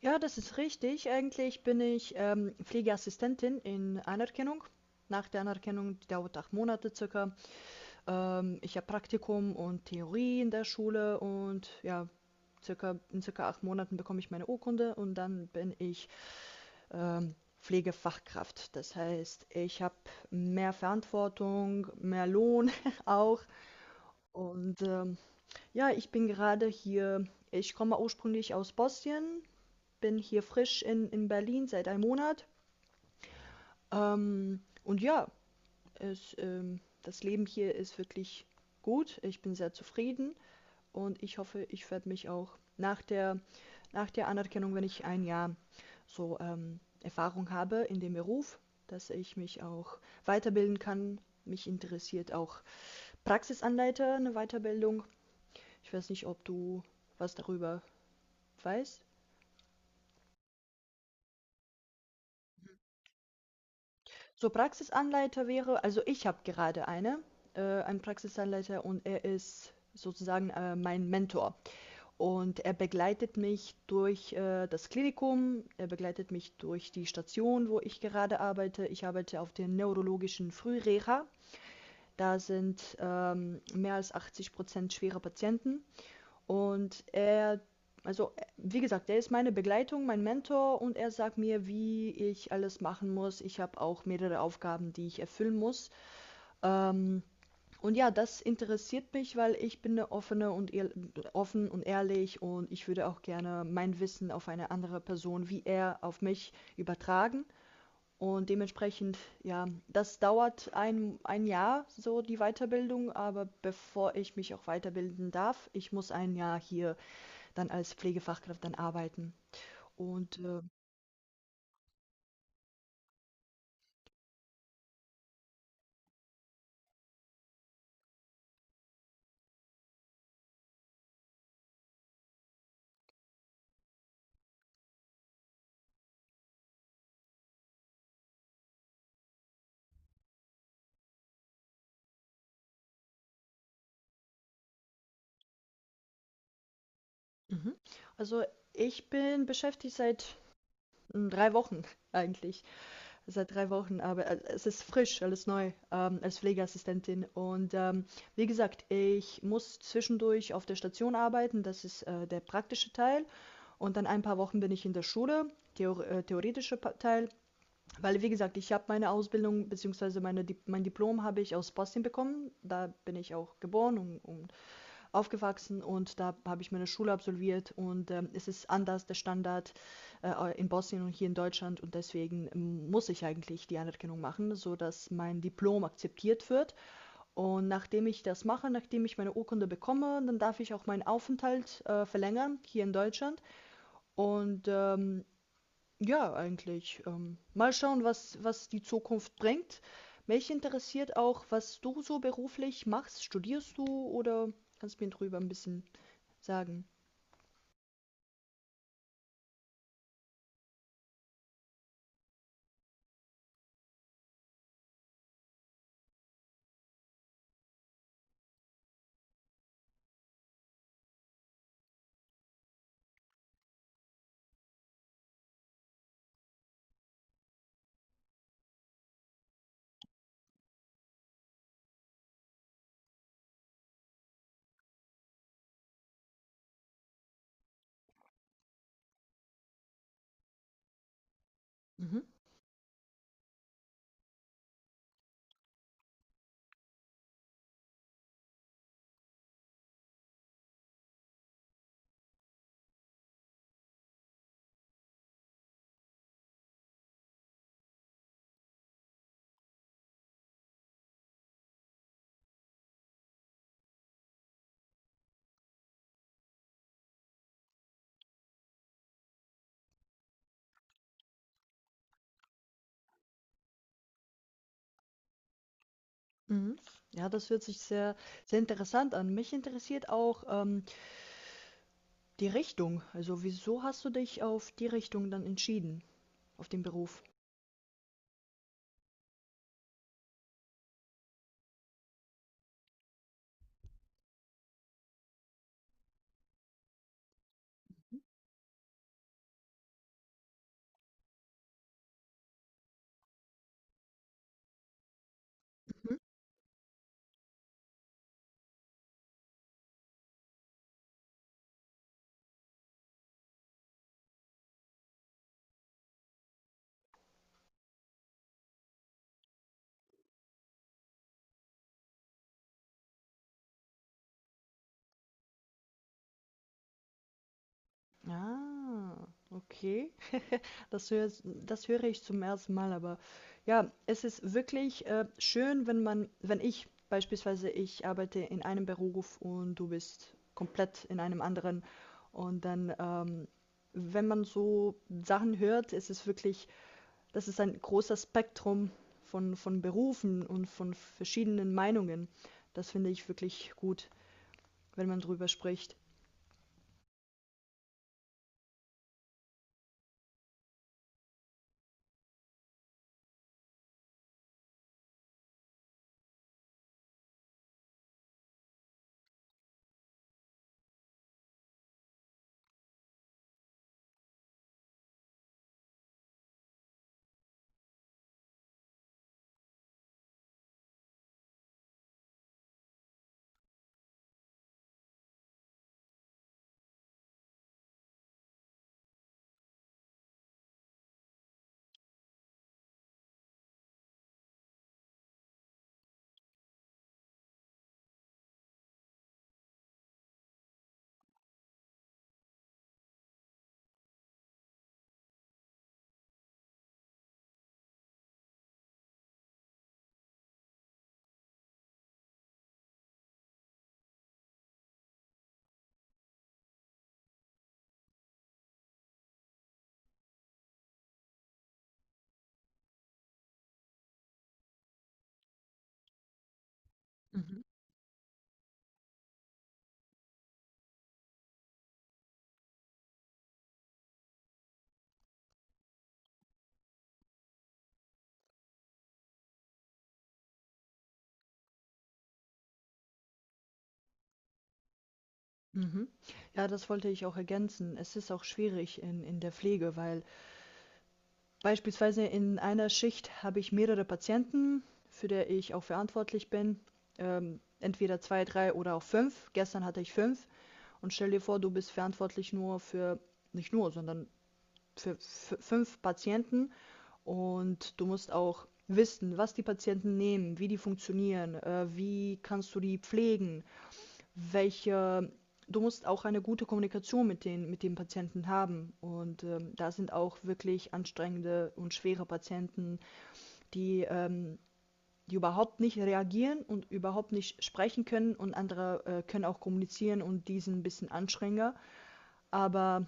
Ja, das ist richtig. Eigentlich bin ich, Pflegeassistentin in Anerkennung. Nach der Anerkennung, die dauert 8 Monate circa. Ich habe Praktikum und Theorie in der Schule und ja, in circa 8 Monaten bekomme ich meine Urkunde und dann bin ich, ähm, Pflegefachkraft. Das heißt, ich habe mehr Verantwortung, mehr Lohn auch. Und ja, ich bin gerade hier, ich komme ursprünglich aus Bosnien, bin hier frisch in Berlin seit einem Monat. Und ja, das Leben hier ist wirklich gut. Ich bin sehr zufrieden und ich hoffe, ich werde mich auch nach nach der Anerkennung, wenn ich ein Jahr so Erfahrung habe in dem Beruf, dass ich mich auch weiterbilden kann. Mich interessiert auch Praxisanleiter, eine Weiterbildung. Ich weiß nicht, ob du was darüber weißt. So, Praxisanleiter wäre, also ich habe gerade einen Praxisanleiter und er ist sozusagen, mein Mentor. Und er begleitet mich durch das Klinikum, er begleitet mich durch die Station, wo ich gerade arbeite. Ich arbeite auf der neurologischen Frühreha. Da sind, mehr als 80 schwere Patienten und er, also, wie gesagt, er ist meine Begleitung, mein Mentor und er sagt mir, wie ich alles machen muss. Ich habe auch mehrere Aufgaben, die ich erfüllen muss. Ähm, und ja, das interessiert mich, weil ich bin eine offene und offen und ehrlich und ich würde auch gerne mein Wissen auf eine andere Person, wie er auf mich, übertragen. Und dementsprechend, ja, das dauert ein Jahr, so die Weiterbildung, aber bevor ich mich auch weiterbilden darf, ich muss ein Jahr hier dann als Pflegefachkraft dann arbeiten. Und mhm, also ich bin beschäftigt seit drei Wochen eigentlich. Seit drei Wochen, aber es ist frisch, alles neu als Pflegeassistentin. Und wie gesagt, ich muss zwischendurch auf der Station arbeiten, das ist der praktische Teil. Und dann ein paar Wochen bin ich in der Schule, theoretischer Teil, weil, wie gesagt, ich habe meine Ausbildung bzw. meine, mein Diplom habe ich aus Bosnien bekommen. Da bin ich auch geboren und aufgewachsen und da habe ich meine Schule absolviert und es ist anders der Standard in Bosnien und hier in Deutschland und deswegen muss ich eigentlich die Anerkennung machen, sodass mein Diplom akzeptiert wird und nachdem ich das mache, nachdem ich meine Urkunde bekomme, dann darf ich auch meinen Aufenthalt verlängern hier in Deutschland und ja, eigentlich mal schauen, was die Zukunft bringt. Mich interessiert auch, was du so beruflich machst. Studierst du oder kannst du mir drüber ein bisschen sagen. Mhm, mhm. Ja, das hört sich sehr interessant an. Mich interessiert auch, die Richtung. Also, wieso hast du dich auf die Richtung dann entschieden, auf den Beruf? Mhm, mhm. Ah, okay. Das höre, das höre ich zum ersten Mal, aber ja, es ist wirklich schön, wenn man, wenn ich beispielsweise, ich arbeite in einem Beruf und du bist komplett in einem anderen. Und dann, wenn man so Sachen hört, ist es wirklich, das ist ein großes Spektrum von Berufen und von verschiedenen Meinungen. Das finde ich wirklich gut, wenn man drüber spricht. Mhm. Mhm. Ja, das wollte ich auch ergänzen. Es ist auch schwierig in der Pflege, weil beispielsweise in einer Schicht habe ich mehrere Patienten, für die ich auch verantwortlich bin. Entweder zwei, drei oder auch fünf. Gestern hatte ich fünf. Und stell dir vor, du bist verantwortlich nicht nur, sondern für fünf Patienten und du musst auch wissen, was die Patienten nehmen, wie die funktionieren, wie kannst du die pflegen, welche. Du musst auch eine gute Kommunikation mit den Patienten haben. Und da sind auch wirklich anstrengende und schwere Patienten, die, ähm, die überhaupt nicht reagieren und überhaupt nicht sprechen können. Und andere können auch kommunizieren und die sind ein bisschen anstrengender. Aber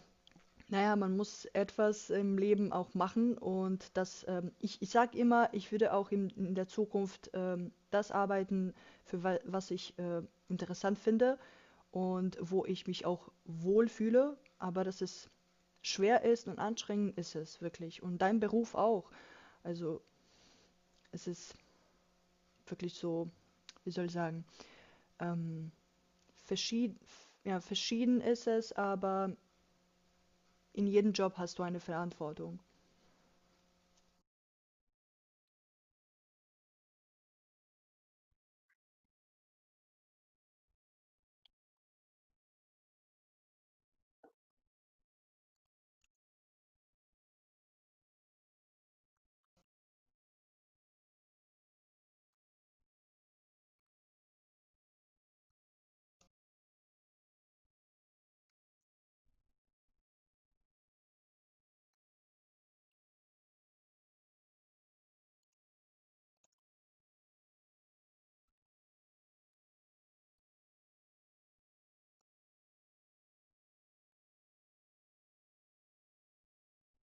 naja, man muss etwas im Leben auch machen und das, ich, ich sage immer, ich würde auch in der Zukunft das arbeiten, für wa was ich interessant finde und wo ich mich auch wohlfühle, aber dass es schwer ist und anstrengend ist es wirklich und dein Beruf auch. Also es ist wirklich so, wie soll ich sagen, ähm, verschieden, ja, verschieden ist es, aber in jedem Job hast du eine Verantwortung.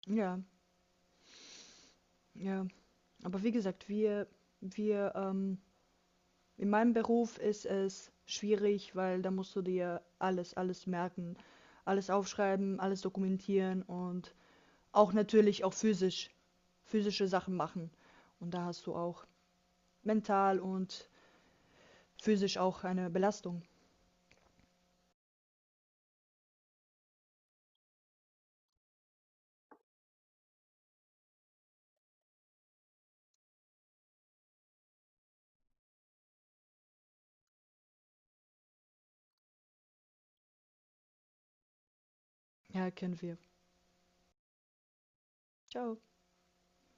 Ja, ja. Aber wie gesagt, wir, in meinem Beruf ist es schwierig, weil da musst du dir alles merken, alles aufschreiben, alles dokumentieren und auch natürlich auch physische Sachen machen. Und da hast du auch mental und physisch auch eine Belastung. Ja, kennen wir. Ciao.